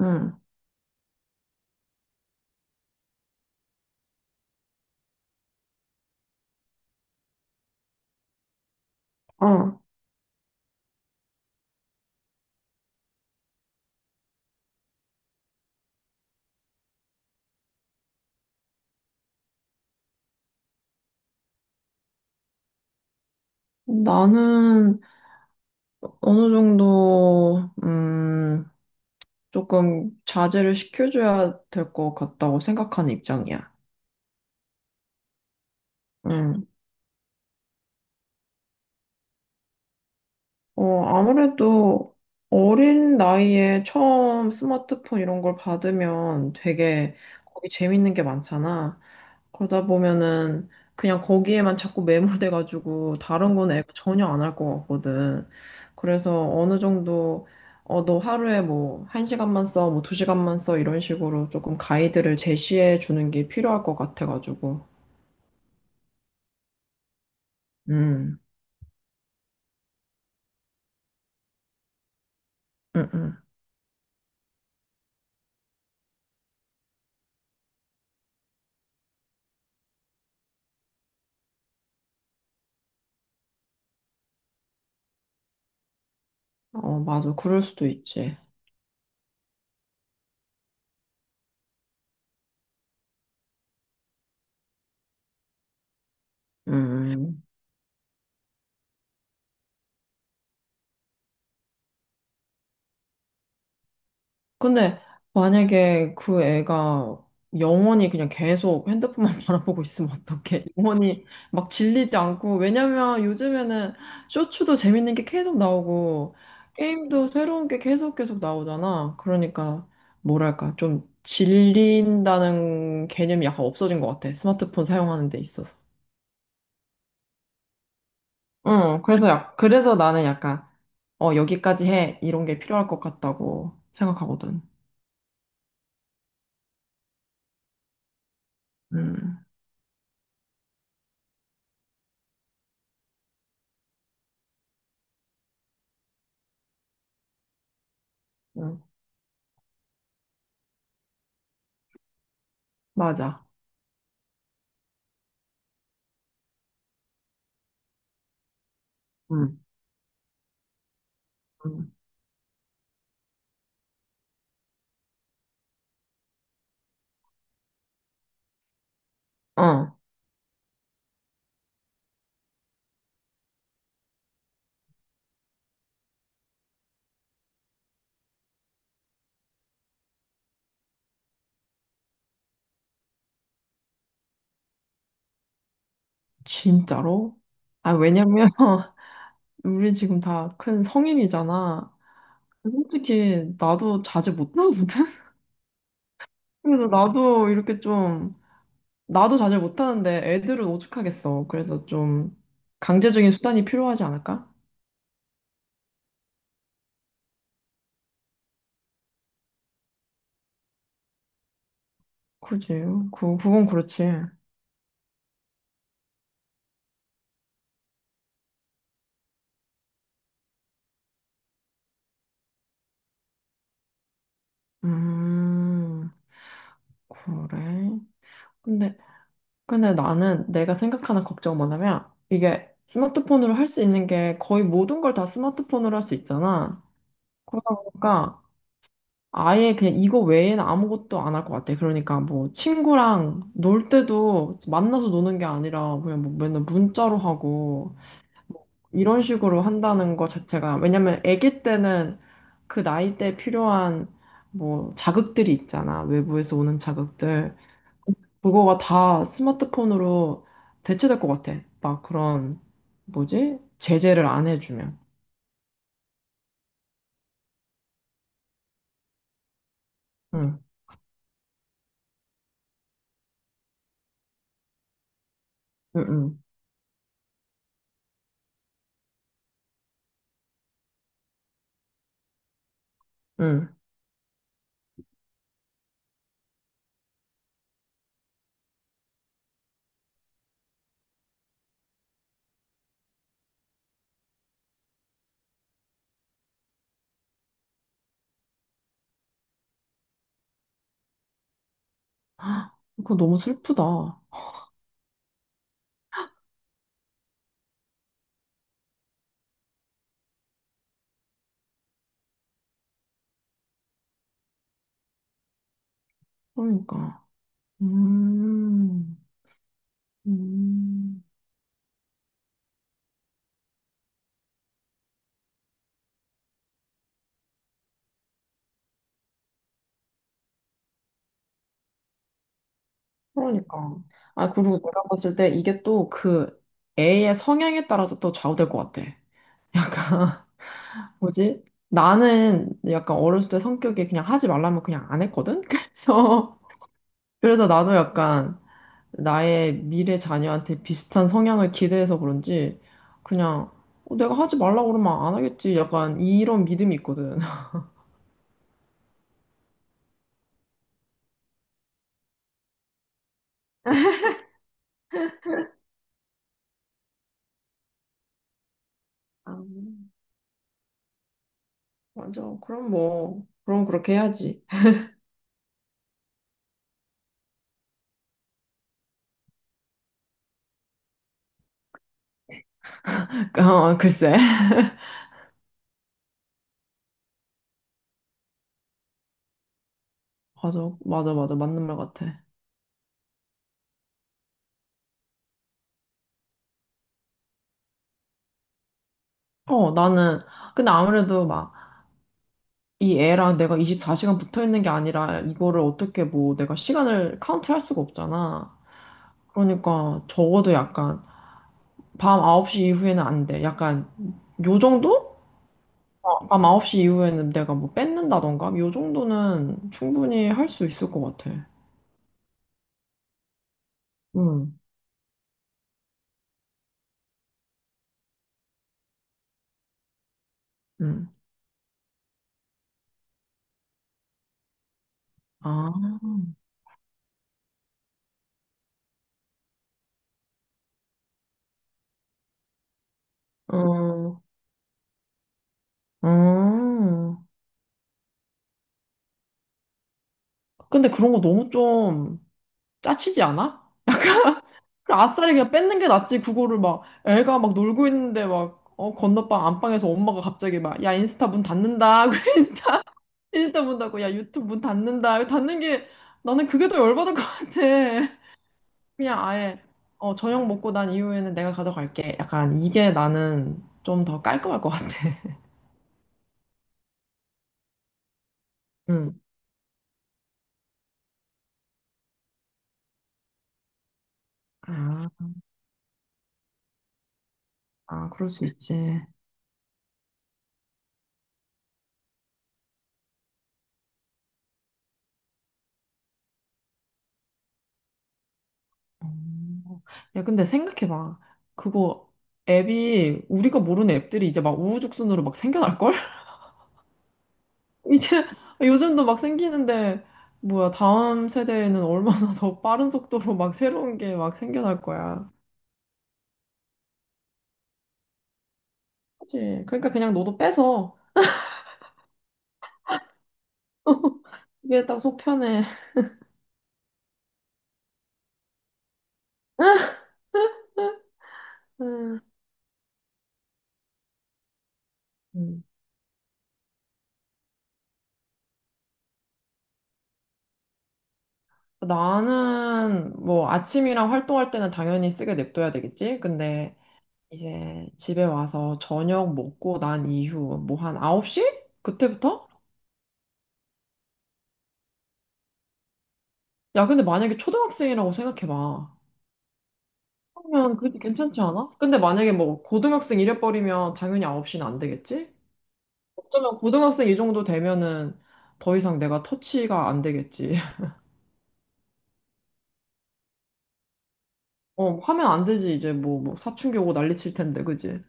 응. 아, 나는 어느 정도, 조금 자제를 시켜줘야 될 것 같다고 생각하는 입장이야. 응. 아무래도 어린 나이에 처음 스마트폰 이런 걸 받으면 되게 거기 재밌는 게 많잖아. 그러다 보면은 그냥 거기에만 자꾸 매몰돼가지고 다른 건 애가 전혀 안 할 것 같거든. 그래서 어느 정도 너 하루에 뭐 한 시간만 써, 뭐 두 시간만 써 이런 식으로 조금 가이드를 제시해 주는 게 필요할 것 같아가지고. 음, 음, 음. 어, 맞아. 그럴 수도 있지. 음. 음. 근데 만약에 그 애가 영원히 그냥 계속 핸드폰만 바라보고 있으면 어떡해? 영원히 막 질리지 않고, 왜냐면 요즘에는 쇼츠도 재밌는 게 계속 나오고, 게임도 새로운 게 계속 계속 나오잖아. 그러니까, 뭐랄까, 좀 질린다는 개념이 약간 없어진 것 같아. 스마트폰 사용하는 데 있어서. 응, 그래서 나는 약간, 여기까지 해. 이런 게 필요할 것 같다고 생각하거든. 음, 음, 맞아. 음. 어, 진짜로? 아, 왜냐면, 우리 지금 다 큰 성인이잖아. 솔직히, 나도 자제 못하거든? 그래서 나도 이렇게 좀, 나도 자제 못하는데 애들은 오죽하겠어. 그래서 좀, 강제적인 수단이 필요하지 않을까? 그지. 그건 그렇지. 음, 그래. 근데, 근데 나는 내가 생각하는 걱정은 뭐냐면 이게 스마트폰으로 할 수 있는 게 거의 모든 걸 다 스마트폰으로 할 수 있잖아. 그러다 보니까 아예 그냥 이거 외에는 아무것도 안 할 것 같아. 그러니까 뭐 친구랑 놀 때도 만나서 노는 게 아니라 그냥 뭐 맨날 문자로 하고 이런 식으로 한다는 거 자체가 왜냐면 아기 때는 그 나이 때 필요한 뭐 자극들이 있잖아. 외부에서 오는 자극들. 그거가 다 스마트폰으로 대체될 것 같아. 막 그런, 뭐지? 제재를 안 해주면. 응, 응, 응, 응. 그거 너무 슬프다. 그러니까. 음, 음, 그러니까. 아, 그리고 내가 봤을 때 이게 또 그 애의 성향에 따라서 또 좌우될 것 같아. 약간, 뭐지? 나는 약간 어렸을 때 성격이 그냥 하지 말라면 그냥 안 했거든? 그래서 나도 약간, 나의 미래 자녀한테 비슷한 성향을 기대해서 그런지 그냥 내가 하지 말라고 그러면 안 하겠지. 약간 이런 믿음이 있거든. 아, 맞아. 그럼 뭐, 그럼 그렇게 해야지. 글쎄. 맞아. 맞아, 맞아. 맞는 말 같아. 나는, 근데 아무래도 막, 이 애랑 내가 24시간 붙어 있는 게 아니라, 이거를 어떻게 뭐, 내가 시간을 카운트 할 수가 없잖아. 그러니까, 적어도 약간, 밤 9시 이후에는 안 돼. 약간, 요 정도? 밤 9시 이후에는 내가 뭐 뺏는다던가? 요 정도는 충분히 할 수 있을 것 같아. 응, 응. 아, 음, 음. 근데 그런 거 너무 좀 짜치지 않아? 그래, 아싸리 그냥 뺏는 게 낫지. 그거를 막 애가 막 놀고 있는데 막, 건너방 안방에서 엄마가 갑자기 막, 야, 인스타 문 닫는다. 그래, 인스타, 인스타 문 닫고, 야, 유튜브 문 닫는다. 닫는 게, 나는 그게 더 열받을 것 같아. 그냥 아예 저녁 먹고 난 이후에는 내가 가져갈게. 약간 이게 나는 좀 더 깔끔할 것 같아. 응. 아, 아, 그럴 수 있지. 음. 야, 근데 생각해봐. 그거 앱이 우리가 모르는 앱들이 이제 막 우후죽순으로 막 생겨날걸? 이제 요즘도 막 생기는데 뭐야 다음 세대에는 얼마나 더 빠른 속도로 막 새로운 게 막 생겨날 거야. 그치? 그러니까 그냥 너도 빼서 이게 딱 속편해. 음. 나는 뭐 아침이랑 활동할 때는 당연히 쓰게 냅둬야 되겠지? 근데 이제 집에 와서 저녁 먹고 난 이후 뭐 한 9시? 그때부터? 야, 근데 만약에 초등학생이라고 생각해봐. 그러면 그래도 괜찮지 않아? 근데 만약에 뭐 고등학생 이래버리면 당연히 9시는 안 되겠지? 어쩌면 고등학생 이 정도 되면은 더 이상 내가 터치가 안 되겠지. 어, 하면 안 되지. 이제 뭐 사춘기 오고 난리 칠 텐데, 그지?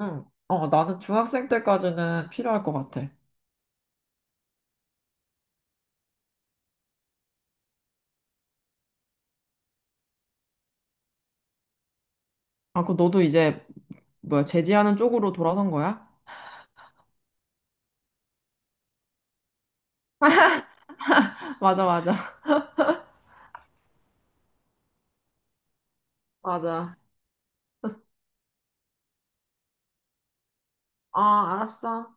응. 나는 중학생 때까지는 필요할 것 같아. 아, 그 너도 이제 뭐야 제지하는 쪽으로 돌아선 거야? 맞아, 맞아. 맞아. 아, 알았어.